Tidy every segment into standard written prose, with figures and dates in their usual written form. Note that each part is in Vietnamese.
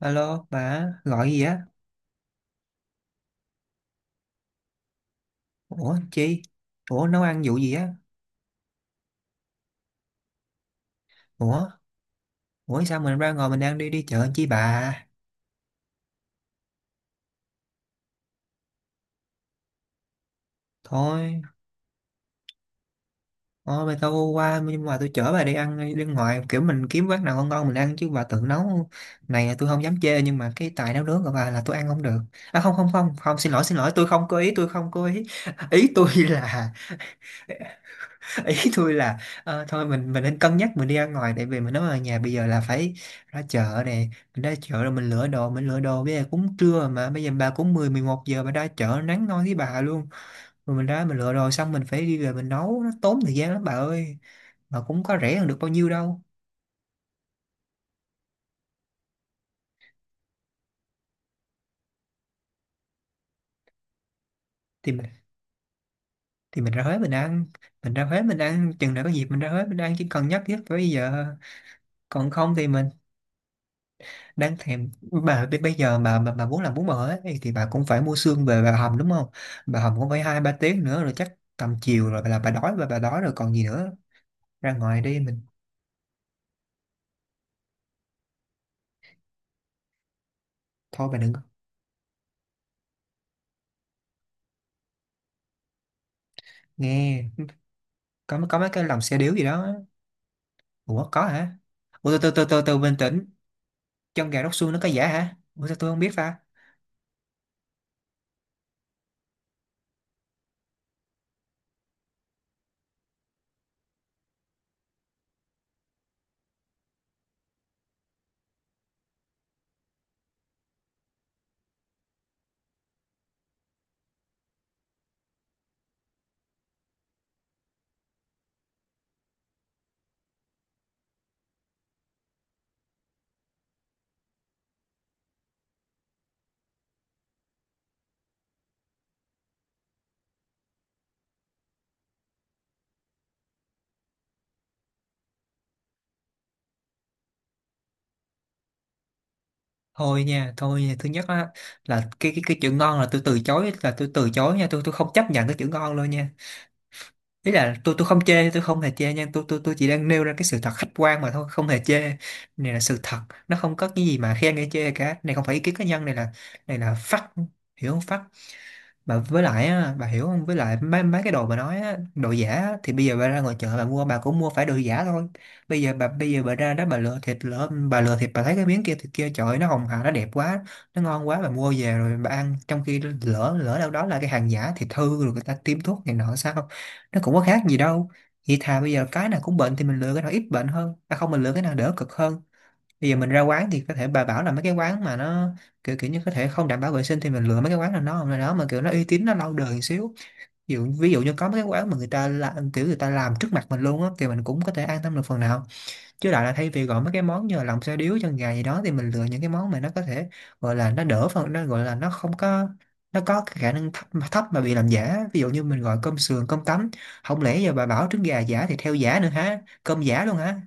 Alo, bà gọi gì á? Ủa chi? Ủa nấu ăn vụ gì á? Ủa? Ủa sao mình ra ngồi mình đang đi đi chợ chi bà? Thôi, thôi bà tao qua, nhưng mà tôi chở bà đi ăn đi ngoài, kiểu mình kiếm quán nào ngon ngon mình ăn, chứ bà tự nấu này, tôi không dám chê, nhưng mà cái tài nấu nướng của bà là tôi ăn không được. À, không không không, không, xin lỗi xin lỗi, tôi không có ý, tôi không có ý. Ý tôi là ý tôi là thôi mình nên cân nhắc, mình đi ra ngoài, tại vì mình nói ở nhà bây giờ là phải ra chợ nè, mình ra chợ rồi mình lựa đồ bây giờ cũng trưa mà, bây giờ bà cũng mười mười một giờ bà ra chợ, nắng nôi với bà luôn. Rồi mình ra mình lựa đồ xong mình phải đi về mình nấu, nó tốn thời gian lắm bà ơi, mà cũng có rẻ hơn được bao nhiêu đâu. thì mình thì mình ra Huế mình ăn, chừng nào có dịp mình ra Huế mình ăn, chỉ cần nhắc nhất tới bây giờ. Còn không thì mình đáng thèm. Bà bây giờ mà mà muốn làm bún bò ấy, thì bà cũng phải mua xương về bà hầm, đúng không? Bà hầm cũng phải 2-3 tiếng nữa, rồi chắc tầm chiều rồi là bà đói, và bà đói rồi còn gì nữa. Ra ngoài đi mình. Thôi bà đừng. Nghe, có mấy cái lòng xe điếu gì đó. Ủa có hả? Ủa, từ từ từ từ từ, bình tĩnh. Chân gà róc xương nó có giả hả? Ủa sao tôi không biết ta. Thôi nha, thôi nha, thứ nhất á là cái chữ ngon là tôi từ chối, là tôi từ chối nha, tôi không chấp nhận cái chữ ngon luôn nha. Ý là tôi không chê, tôi không hề chê nha, tôi chỉ đang nêu ra cái sự thật khách quan mà thôi, không hề chê. Này là sự thật, nó không có cái gì mà khen hay chê cả, này không phải ý kiến cá nhân, này là fact, hiểu không? Fact. Mà với lại á, bà hiểu không, với lại mấy mấy cái đồ bà nói á, đồ giả á, thì bây giờ bà ra ngoài chợ bà mua bà cũng mua phải đồ giả thôi. Bây giờ bà ra đó bà lựa thịt, lỡ bà lựa thịt bà thấy cái miếng kia, thịt kia, trời ơi, nó hồng hào nó đẹp quá, nó ngon quá, bà mua về rồi bà ăn, trong khi lỡ lỡ đâu đó là cái hàng giả, thịt hư rồi người ta tiêm thuốc này nọ sao, nó cũng có khác gì đâu. Vậy thà bây giờ cái nào cũng bệnh thì mình lựa cái nào ít bệnh hơn, à không, mình lựa cái nào đỡ cực hơn. Bây giờ mình ra quán thì có thể bà bảo là mấy cái quán mà nó kiểu kiểu như có thể không đảm bảo vệ sinh, thì mình lựa mấy cái quán là nó nào đó mà kiểu nó uy tín, nó lâu đời một xíu. Ví dụ như có mấy cái quán mà người ta làm kiểu người ta làm trước mặt mình luôn á, thì mình cũng có thể an tâm được phần nào. Chứ lại là thay vì gọi mấy cái món như là lòng xôi điếu chân gà gì đó, thì mình lựa những cái món mà nó có thể gọi là nó đỡ phần, nó gọi là nó không có, nó có cái khả năng thấp, mà thấp mà bị làm giả, ví dụ như mình gọi cơm sườn cơm tấm. Không lẽ giờ bà bảo trứng gà giả thì theo giả nữa hả, cơm giả luôn hả?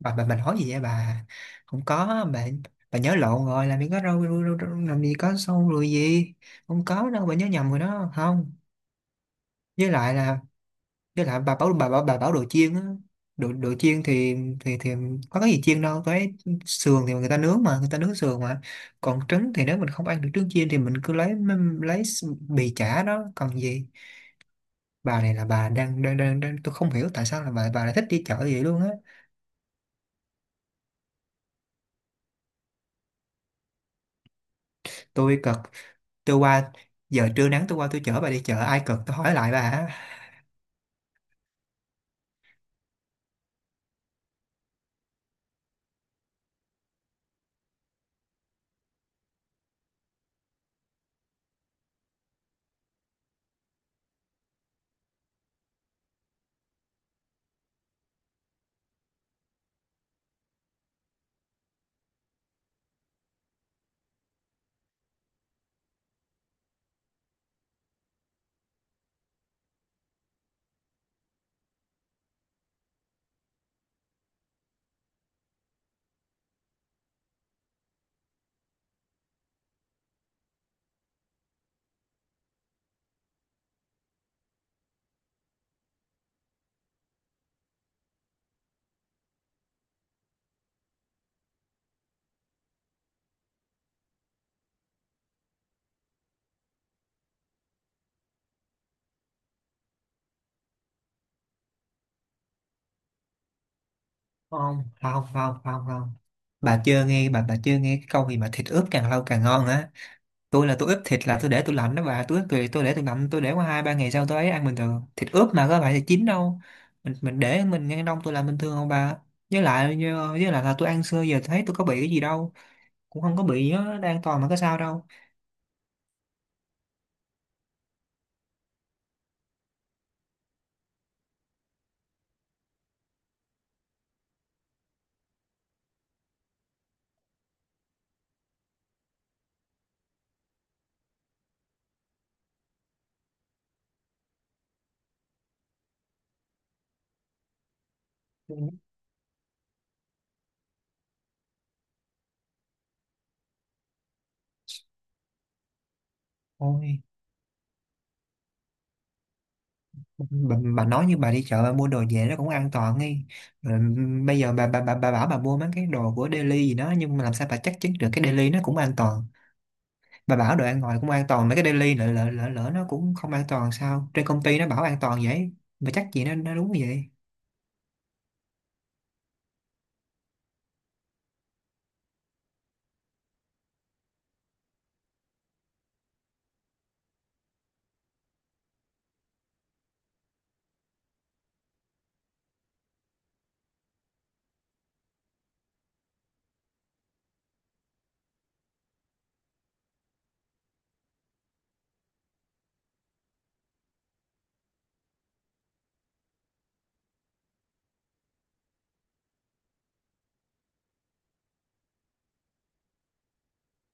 Bà mình nói gì vậy bà? Không có Bà nhớ lộn rồi, làm gì có đâu, đâu, đâu, đâu, làm gì có sâu lùi gì, không có đâu, bà nhớ nhầm rồi đó, không. Với lại là, với lại bà bảo đồ chiên á, đồ đồ chiên thì có cái gì chiên đâu cái, sườn thì người ta nướng mà, người ta nướng sườn mà. Còn trứng thì nếu mình không ăn được trứng chiên thì mình cứ lấy bì chả đó còn gì. Bà này là bà đang, tôi không hiểu tại sao là bà lại thích đi chợ vậy luôn á. Tôi cực, tôi qua, giờ trưa nắng tôi qua tôi chở bà đi chợ, ai cực? Tôi hỏi lại bà hả. Không không không không không, bà chưa nghe cái câu gì mà thịt ướp càng lâu càng ngon hả? Tôi là tôi ướp thịt là tôi để tôi lạnh đó bà, tôi ướp tôi để tôi lạnh, tôi để qua 2-3 ngày sau tôi ấy ăn bình thường, thịt ướp mà có phải là chín đâu. Mình để mình ngăn đông, tôi làm bình thường không bà? Với lại, với lại là tôi ăn xưa giờ thấy tôi có bị cái gì đâu, cũng không có bị, nó đang toàn mà có sao đâu. Ôi bà nói như bà đi chợ bà mua đồ về nó cũng an toàn ấy, rồi bây giờ bà, bà bảo bà mua mấy cái đồ của Daily gì đó, nhưng mà làm sao bà chắc chắn được cái Daily nó cũng an toàn. Bà bảo đồ ăn ngoài cũng an toàn, mấy cái Daily lỡ nó cũng không an toàn, sao trên công ty nó bảo an toàn vậy, bà chắc gì nó đúng vậy.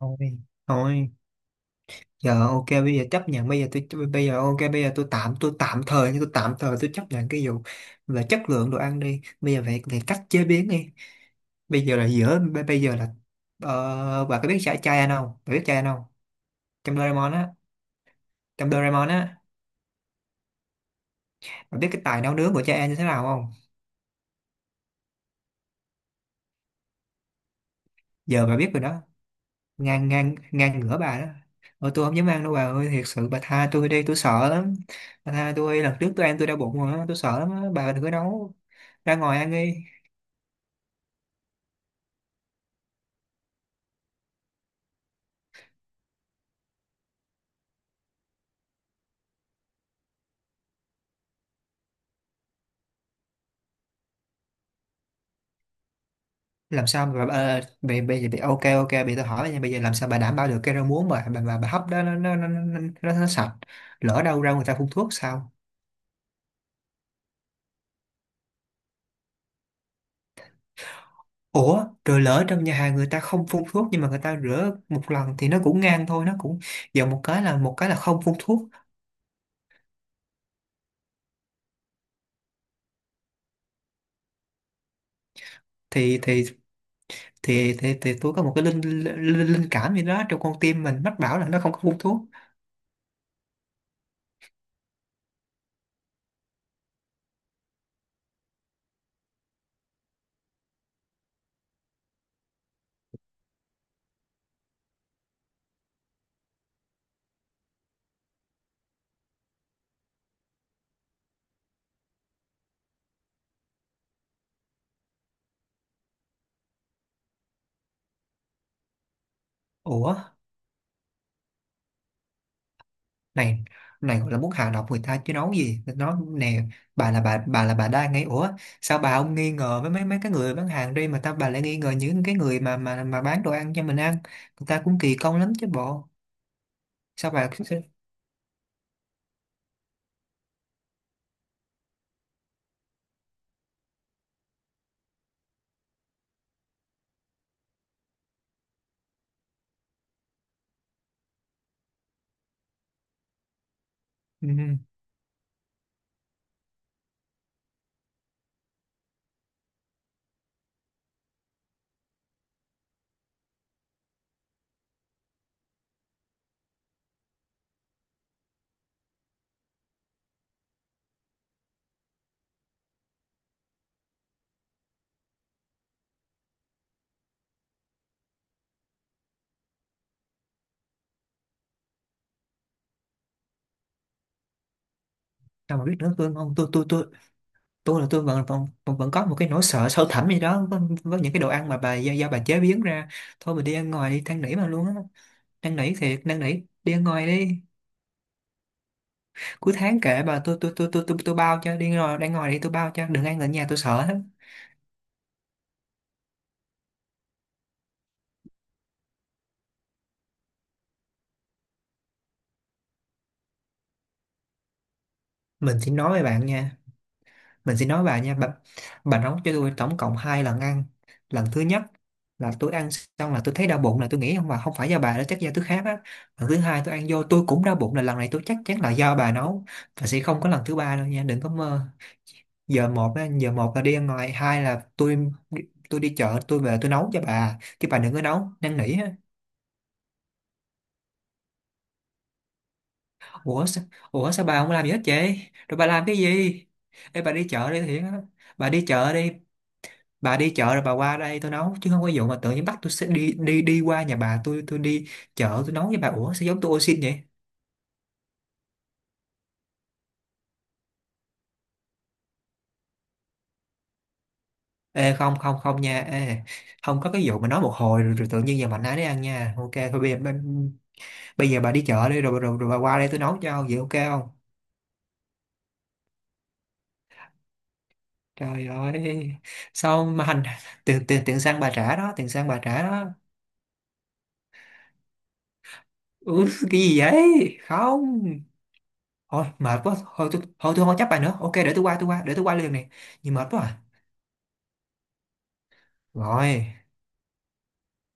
Thôi, thôi giờ ok, bây giờ ok, bây giờ tôi tạm thời, tôi chấp nhận cái vụ là chất lượng đồ ăn đi, bây giờ phải, cách chế biến đi. Bây giờ là giữa bây giờ là ờ, bà có biết chai chai ăn không, bà biết chai ăn không? Trong Doraemon á. Trong Doraemon á. Bà biết cái tài nấu nướng của chai ăn như thế nào không? Giờ bà biết rồi đó. Ngang ngang ngang ngửa bà đó. Ôi tôi không dám ăn đâu bà ơi, thiệt sự bà tha tôi đi, tôi sợ lắm, bà tha tôi, lần trước tôi ăn tôi đau bụng rồi á, tôi sợ lắm á, bà đừng có nấu, ra ngoài ăn đi. Làm sao mà bà, bây bây giờ bị ok ok bị, tôi hỏi nha, bây giờ làm sao bà đảm bảo được cái rau muống mà bà hấp đó nó sạch, lỡ đâu ra người ta phun thuốc sao. Ủa rồi lỡ trong nhà hàng người ta không phun thuốc nhưng mà người ta rửa một lần thì nó cũng ngang thôi, nó cũng giờ một cái là không phun thuốc. thì thì thì tôi có một cái linh linh, linh linh cảm gì đó trong con tim mình mách bảo là nó không có phun thuốc. Ủa này, này gọi là muốn hạ độc người ta chứ nói gì nó nè. Bà đang ngay, ủa sao bà không nghi ngờ với mấy mấy cái người bán hàng đi mà ta, bà lại nghi ngờ những cái người mà mà bán đồ ăn cho mình ăn, người ta cũng kỳ công lắm chứ bộ. Sao bà. Ừ, sao mà biết nữa Phương, không tôi tôi là tôi vẫn vẫn vẫn vẫn có một cái nỗi sợ sâu thẳm gì đó với những cái đồ ăn mà bà do bà chế biến ra. Thôi mình đi ăn ngoài đi, than nỉ mà luôn á, năn nỉ thiệt, năn nỉ, đi ăn ngoài đi. Cuối tháng kể bà, tôi bao cho, đi ngồi đang ngồi đi, tôi bao cho, đừng ăn ở nhà, tôi sợ lắm. Mình sẽ nói với bạn nha. Mình sẽ nói với bà nha bà nấu cho tôi tổng cộng 2 lần ăn. Lần thứ nhất là tôi ăn xong là tôi thấy đau bụng, là tôi nghĩ không, mà không phải do bà đó, chắc do tôi khác á. Lần thứ hai tôi ăn vô tôi cũng đau bụng, là lần này tôi chắc chắn là do bà nấu. Và sẽ không có lần thứ ba đâu nha, đừng có mơ. Giờ một á, giờ một là đi ăn ngoài, hai là tôi đi chợ tôi về tôi nấu cho bà, chứ bà đừng có nấu, năn nỉ. Ủa sao, Ủa sao bà không làm gì hết vậy? Rồi bà làm cái gì? Ê bà đi chợ đi Thiện á. Bà đi chợ đi. Bà đi chợ rồi bà qua đây tôi nấu, chứ không có vụ mà tự nhiên bắt tôi sẽ đi đi đi qua nhà bà, tôi đi chợ tôi nấu với bà. Ủa sao giống tôi ô xin vậy? Ê không không không nha. Ê không có cái vụ mà nói một hồi rồi tự nhiên giờ mạnh ai đấy ăn nha. Ok thôi bây giờ bây giờ bà đi chợ đi, rồi, rồi rồi bà qua đây tôi nấu cho, vậy ok không? Trời ơi. Sao mà hành, tiền tiền tiền xăng bà trả đó, tiền xăng bà trả đó. Ừ, cái gì vậy không, thôi mệt quá, thôi tôi không có chấp bài nữa ok, để tôi qua, để tôi qua liền này. Nhìn mệt quá à. Rồi.